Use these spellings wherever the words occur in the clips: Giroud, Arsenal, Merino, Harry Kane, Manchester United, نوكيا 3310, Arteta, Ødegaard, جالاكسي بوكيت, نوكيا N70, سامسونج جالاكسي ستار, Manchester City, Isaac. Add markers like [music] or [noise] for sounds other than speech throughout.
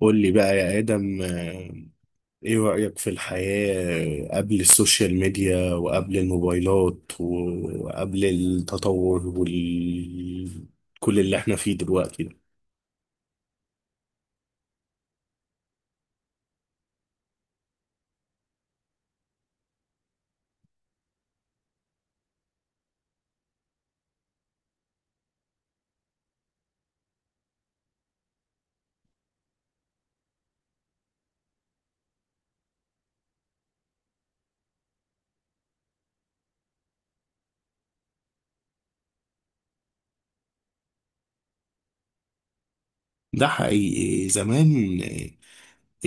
قول لي بقى يا آدم إيه رأيك في الحياة قبل السوشيال ميديا وقبل الموبايلات وقبل التطور وال كل اللي احنا فيه دلوقتي ده. ده حقيقي زمان،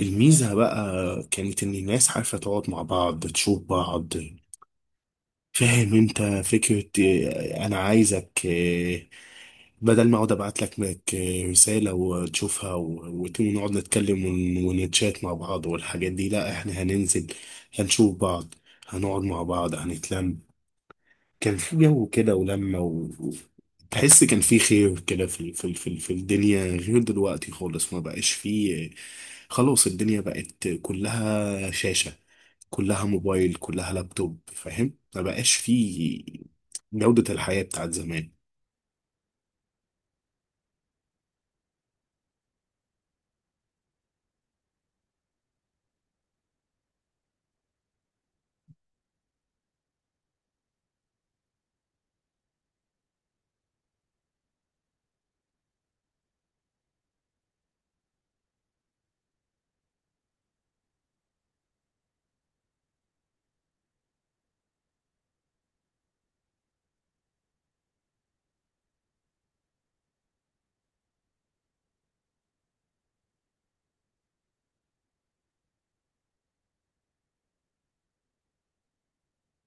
الميزة بقى كانت إن الناس عارفة تقعد مع بعض تشوف بعض. فاهم انت فكرة؟ انا عايزك، بدل ما اقعد ابعت لك رسالة وتشوفها ونقعد نتكلم ونتشات مع بعض والحاجات دي، لا احنا هننزل، هنشوف بعض، هنقعد مع بعض، هنتلم. كان في جو كده ولمة و- تحس كان في خير كده في الدنيا، غير دلوقتي خالص. ما بقاش فيه، خلاص الدنيا بقت كلها شاشة، كلها موبايل، كلها لابتوب. فاهم؟ ما بقاش فيه جودة الحياة بتاعت زمان.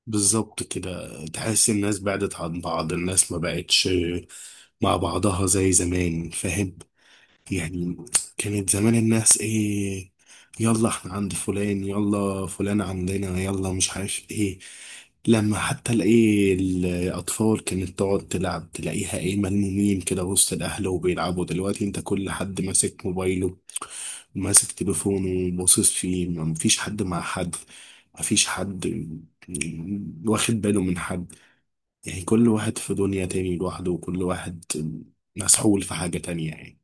بالظبط كده، تحس الناس بعدت عن بعض، الناس ما بقتش مع بعضها زي زمان. فاهم يعني؟ كانت زمان الناس ايه، يلا احنا عند فلان، يلا فلان عندنا، يلا مش عارف ايه. لما حتى الايه الاطفال كانت تقعد تلعب، تلاقيها ايه، ملمومين كده وسط الاهل وبيلعبوا. دلوقتي انت كل حد ماسك موبايله، ماسك تليفونه باصص فيه. مفيش حد مع حد، مفيش حد واخد باله من حد. يعني كل واحد في دنيا تاني لوحده، وكل واحد مسحول في حاجة تانية يعني.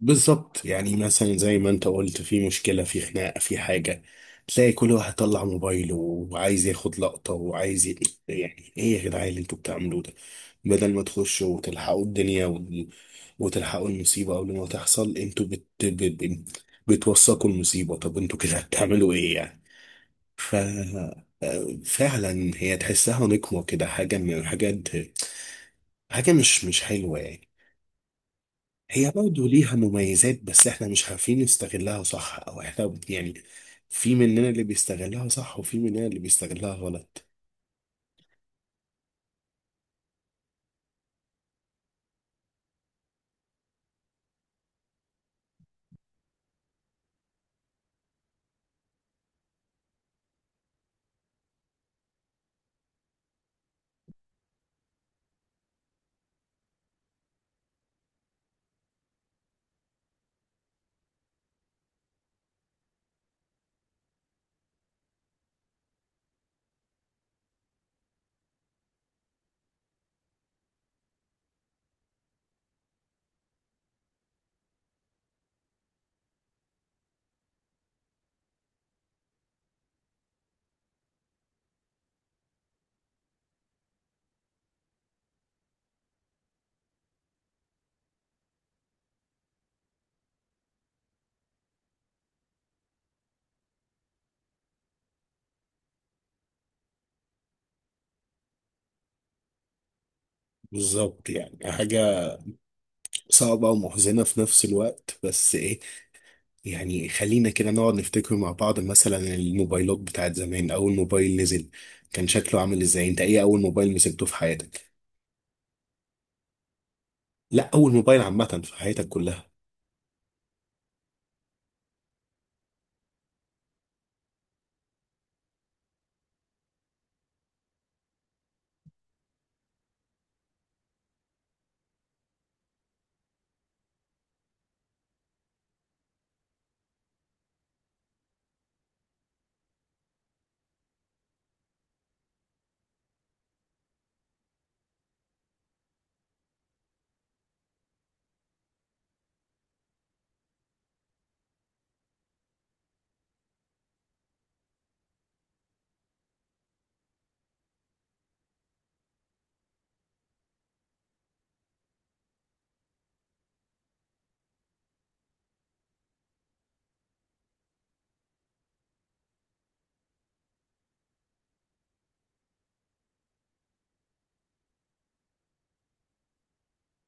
بالظبط، يعني مثلا زي ما انت قلت، في مشكلة، في خناقة، في حاجة، تلاقي كل واحد طلع موبايله وعايز ياخد لقطة وعايز يعني ايه يا جدعان اللي انتوا بتعملوه ده؟ بدل ما تخشوا وتلحقوا الدنيا وتلحقوا المصيبة قبل ما تحصل، انتوا ب... بتوثقوا المصيبة. طب انتوا كده [laughs] هتعملوا ايه يعني؟ ف آه، فعلا، هي تحسها نقمة كده، حاجة من الحاجات، حاجة مش حلوة يعني. هي برضه ليها مميزات، بس احنا مش عارفين نستغلها صح، او احنا يعني، في مننا اللي بيستغلها صح وفي مننا اللي بيستغلها غلط. بالظبط، يعني حاجة صعبة ومحزنة في نفس الوقت. بس ايه يعني، خلينا كده نقعد نفتكر مع بعض. مثلا الموبايلات بتاعت زمان، أول موبايل نزل كان شكله عامل إزاي؟ أنت إيه أول موبايل مسكته في حياتك؟ لا أول موبايل عامة في حياتك كلها.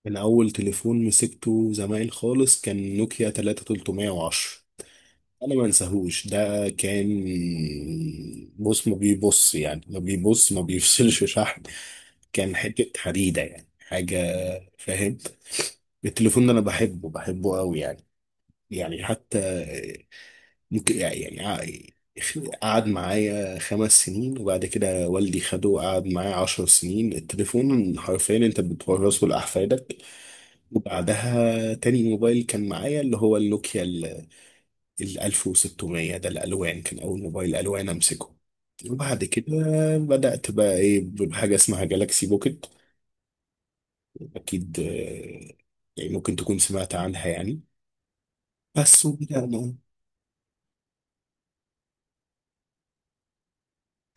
من أول تليفون مسكته زمان خالص كان نوكيا 3310. أنا ما انساهوش. ده كان، بص ما بيبص، يعني ما بيبص، ما بيفصلش [laughs] شحن، كان حتة حديدة يعني، حاجة فاهم. التليفون ده أنا بحبه، بحبه قوي يعني. يعني حتى ممكن، يعني يعني قعد معايا 5 سنين، وبعد كده والدي خده قعد معايا 10 سنين. التليفون حرفيا انت بتورثه لأحفادك. وبعدها تاني موبايل كان معايا اللي هو النوكيا ال 1600 ده، الألوان، كان أول موبايل ألوان أمسكه. وبعد كده بدأت بقى إيه بحاجة اسمها جالاكسي بوكيت. أكيد، يعني ممكن تكون سمعت عنها يعني. بس وبدأنا،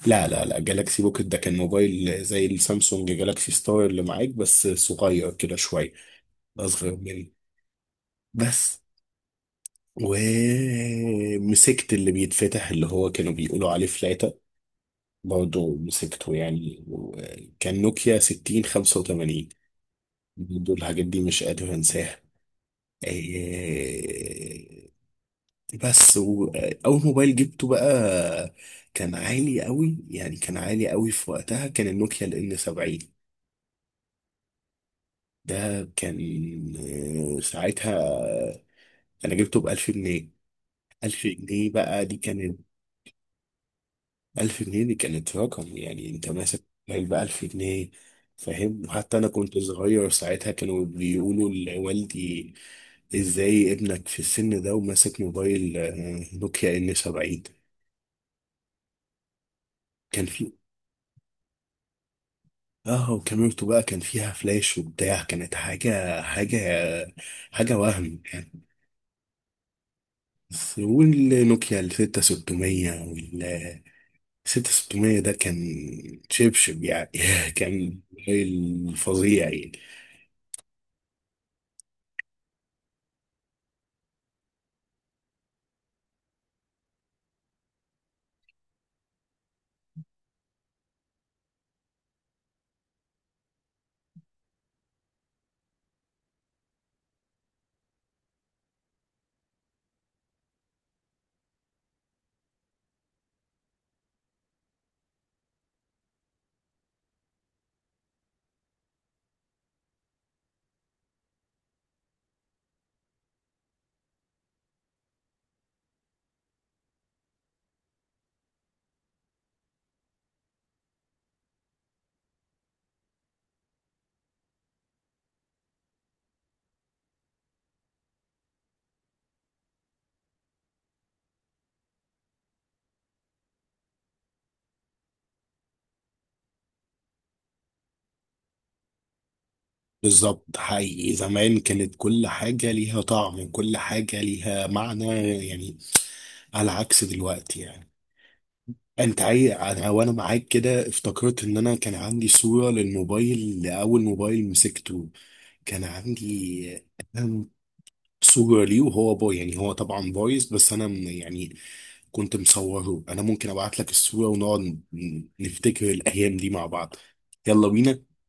لا جالاكسي بوكيت ده كان موبايل زي السامسونج جالاكسي ستار اللي معاك، بس صغير كده شوية، أصغر مني بس. ومسكت اللي بيتفتح اللي هو كانوا بيقولوا عليه فلاتة، برضه مسكته يعني، كان نوكيا 6585، برضه الحاجات دي مش قادر أنساها. إيه، بس وأول موبايل جبته بقى كان عالي قوي يعني، كان عالي قوي في وقتها، كان النوكيا ال N70 ده. كان، آه، ساعتها انا جبته ب 1000 جنيه. 1000 جنيه بقى دي كانت، 1000 جنيه دي كانت رقم يعني، انت ماسك علبة 1000 جنيه. فاهم؟ وحتى انا كنت صغير ساعتها، كانوا بيقولوا لوالدي، ازاي ابنك في السن ده وماسك موبايل، آه، نوكيا ان 70؟ كان في اه، وكاميرته بقى كان فيها فلاش وبتاع، كانت حاجة، وهم يعني. والنوكيا ال 6600، ستة ستمية ده، كان شبشب يعني [laughs] كان موبايل فظيع يعني. بالظبط، حقيقي زمان كانت كل حاجة ليها طعم، كل حاجة ليها معنى يعني، على عكس دلوقتي يعني. انت انا وانا معاك كده افتكرت ان انا كان عندي صورة للموبايل، لأول موبايل مسكته. كان عندي صورة ليه وهو باي يعني، هو طبعا بايظ بس انا يعني كنت مصوره. انا ممكن ابعت لك الصورة ونقعد نفتكر الايام دي مع بعض. يلا بينا.